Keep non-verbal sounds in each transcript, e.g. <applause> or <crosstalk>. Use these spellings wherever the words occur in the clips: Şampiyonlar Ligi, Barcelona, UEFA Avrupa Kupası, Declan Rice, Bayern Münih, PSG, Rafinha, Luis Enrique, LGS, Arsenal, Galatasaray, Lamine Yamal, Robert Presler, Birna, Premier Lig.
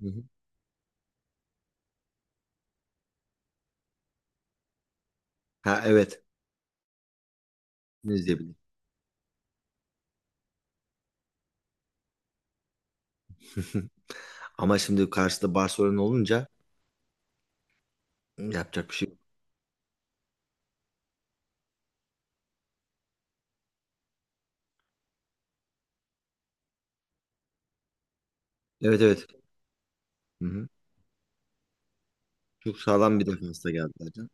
Hı hı. Ha evet. Ne izleyebilirim. <laughs> Ama şimdi karşıda Barcelona olunca yapacak bir şey yok. Evet evet. Hı hı. Çok sağlam bir defansta geldiler, canım.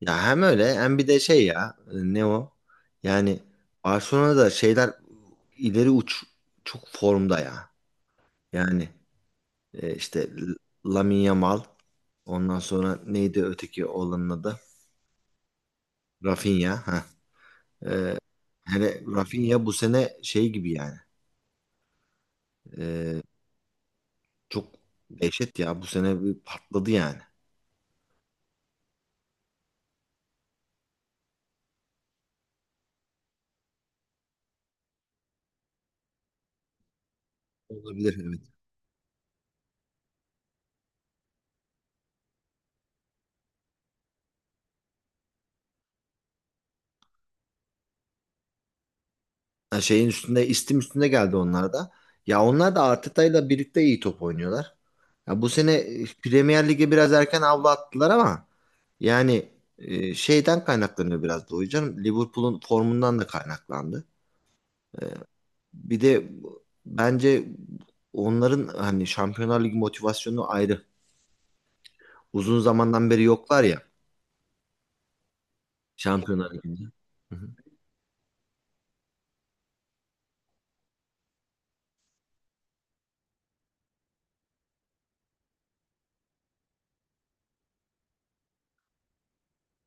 Ya hem öyle hem bir de şey ya ne o? Yani Barcelona'da şeyler ileri uç çok formda ya. Yani işte Lamine Yamal ondan sonra neydi öteki oğlanın adı? Rafinha. Ha. Yani Rafinha bu sene şey gibi yani. e, Çok dehşet ya. Bu sene bir patladı yani. Olabilir evet. Ha, şeyin üstünde, istim üstünde geldi onlar da. Ya onlar da Arteta'yla birlikte iyi top oynuyorlar. Ya bu sene Premier Lig'e biraz erken avlu attılar ama yani şeyden kaynaklanıyor biraz da hocam. Liverpool'un formundan da kaynaklandı. Bir de bence onların hani Şampiyonlar Ligi motivasyonu ayrı. Uzun zamandan beri yoklar ya Şampiyonlar Ligi'nde. Hı hı.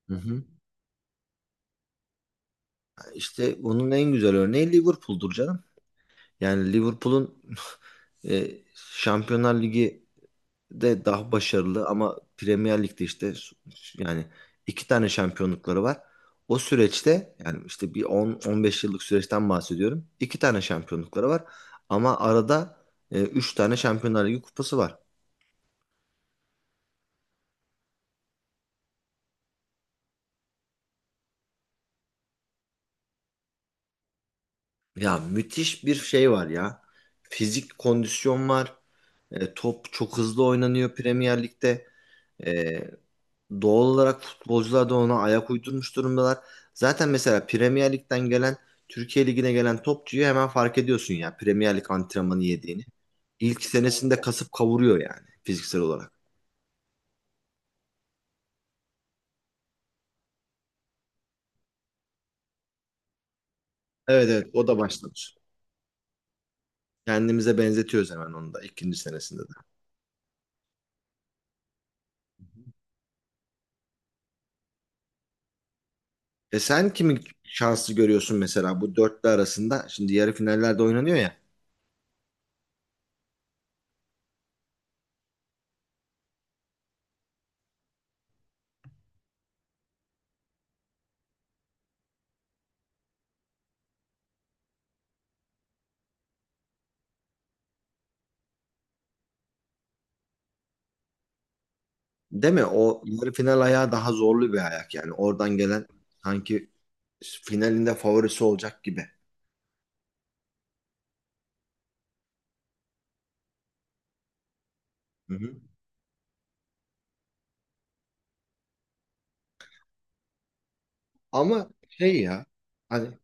Hı hı. İşte bunun en güzel örneği Liverpool'dur canım. Yani Liverpool'un <laughs> Şampiyonlar Ligi'de daha başarılı ama Premier Lig'de işte yani iki tane şampiyonlukları var. O süreçte yani işte bir 10-15 yıllık süreçten bahsediyorum. İki tane şampiyonlukları var ama arada üç tane Şampiyonlar Ligi kupası var. Ya müthiş bir şey var ya. Fizik kondisyon var. Top çok hızlı oynanıyor Premier Lig'de. E, Doğal olarak futbolcular da ona ayak uydurmuş durumdalar. Zaten mesela Premier Lig'den gelen, Türkiye Ligi'ne gelen topçuyu hemen fark ediyorsun ya Premier Lig antrenmanı yediğini. İlk senesinde kasıp kavuruyor yani fiziksel olarak. Evet evet o da başlamış. Kendimize benzetiyoruz hemen onu da ikinci senesinde de. E sen kimi şanslı görüyorsun mesela bu dörtlü arasında? Şimdi yarı finallerde oynanıyor ya. Değil mi? O yarı final ayağı daha zorlu bir ayak yani. Oradan gelen sanki finalinde favorisi olacak gibi. Hı hı. Ama şey ya hani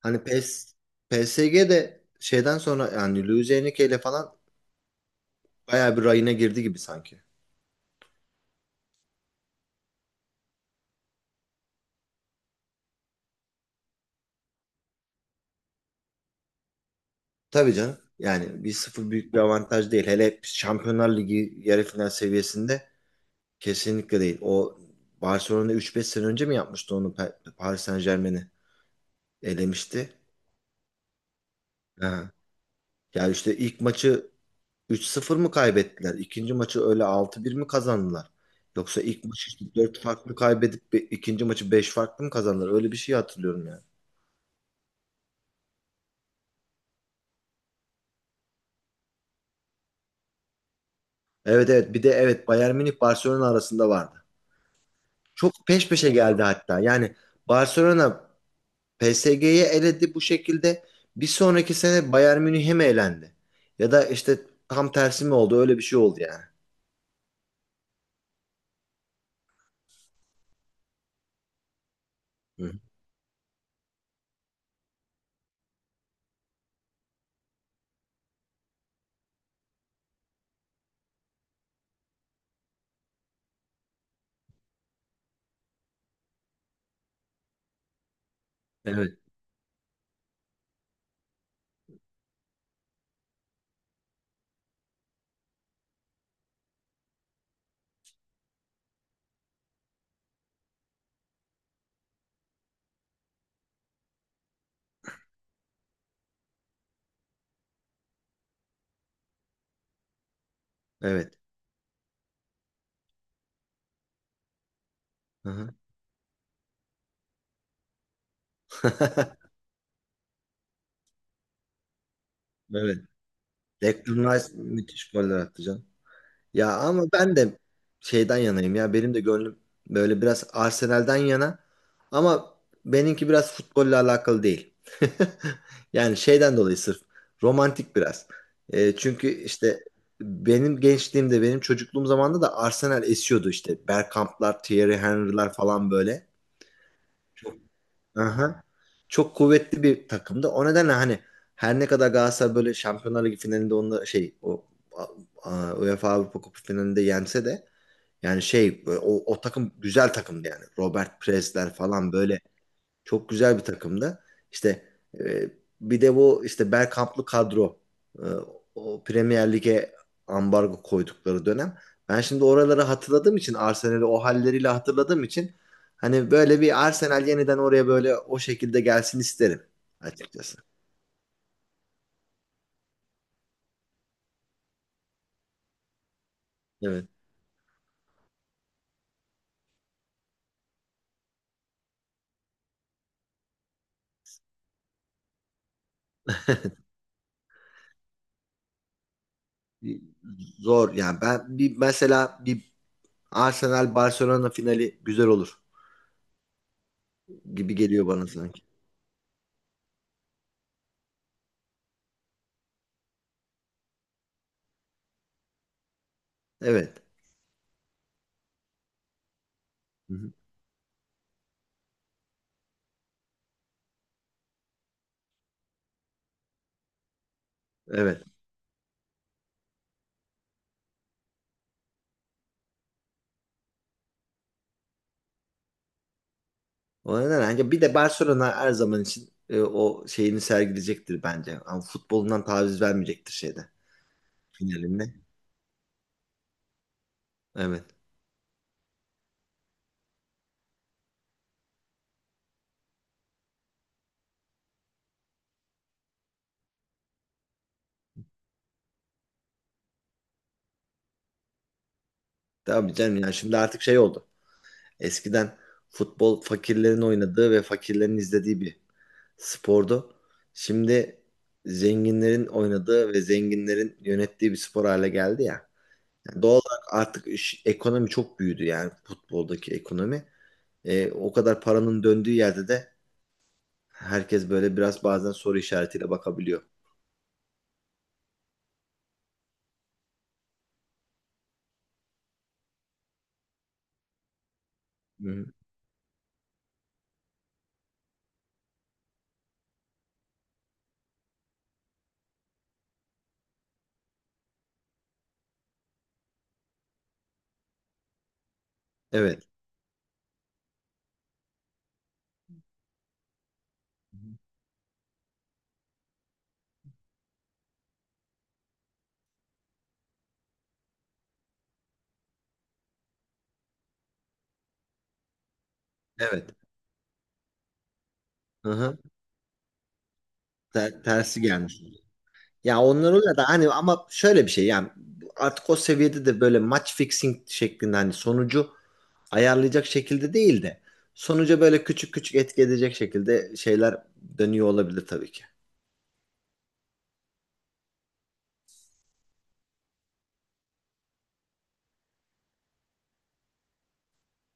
hani PES, PSG de şeyden sonra yani Luis Enrique ile falan bayağı bir rayına girdi gibi sanki. Tabii canım. Yani bir sıfır büyük bir avantaj değil. Hele Şampiyonlar Ligi yarı final seviyesinde kesinlikle değil. O Barcelona üç beş sene önce mi yapmıştı onu Paris Saint-Germain'i elemişti. Ha. Yani işte ilk maçı 3 sıfır mı kaybettiler? İkinci maçı öyle 6-1 mi kazandılar? Yoksa ilk maçı işte 4 farklı kaybedip ikinci maçı 5 farklı mı kazandılar? Öyle bir şey hatırlıyorum yani. Evet evet bir de evet Bayern Münih Barcelona arasında vardı. Çok peş peşe geldi hatta. Yani Barcelona PSG'yi eledi bu şekilde. Bir sonraki sene Bayern Münih'e mi elendi? Ya da işte tam tersi mi oldu? Öyle bir şey oldu yani. Hı. Evet, evet. Hı hı. <laughs> Evet. Declan Rice müthiş goller attı canım. Ya ama ben de şeyden yanayım ya. Benim de gönlüm böyle biraz Arsenal'den yana. Ama benimki biraz futbolla alakalı değil. <laughs> Yani şeyden dolayı sırf romantik biraz. Çünkü işte benim gençliğimde, benim çocukluğum zamanında da Arsenal esiyordu işte. Bergkamp'lar, Thierry Henry'ler falan böyle. Çok Aha. Çok kuvvetli bir takımdı. O nedenle hani her ne kadar Galatasaray böyle Şampiyonlar Ligi finalinde onunla şey o a- UEFA Avrupa Kupası finalinde yense de yani şey o takım güzel takımdı yani. Robert Presler falan böyle çok güzel bir takımdı. İşte e, bir de bu işte Bergkamp'lı kadro e, o Premier Lig'e ambargo koydukları dönem. Ben şimdi oraları hatırladığım için Arsenal'i o halleriyle hatırladığım için hani böyle bir Arsenal yeniden oraya böyle o şekilde gelsin isterim açıkçası. Evet. Zor yani ben bir mesela bir Arsenal Barcelona finali güzel olur gibi geliyor bana sanki. Evet. Hı hı. Evet. O neden ancak bir de Barcelona her zaman için o şeyini sergileyecektir bence. Ama futbolundan taviz vermeyecektir şeyde finalinde. Evet. Tabii canım yani şimdi artık şey oldu. Eskiden futbol fakirlerin oynadığı ve fakirlerin izlediği bir spordu. Şimdi zenginlerin oynadığı ve zenginlerin yönettiği bir spor hale geldi ya. Yani doğal olarak artık ekonomi çok büyüdü yani futboldaki ekonomi. O kadar paranın döndüğü yerde de herkes böyle biraz bazen soru işaretiyle bakabiliyor. Hı hı. Evet. Evet. Hı hı. Tersi gelmiş. Ya onlar oluyor da hani ama şöyle bir şey yani artık o seviyede de böyle match fixing şeklinde hani sonucu ayarlayacak şekilde değil de sonuca böyle küçük küçük etki edecek şekilde şeyler dönüyor olabilir tabii ki.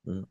Hı.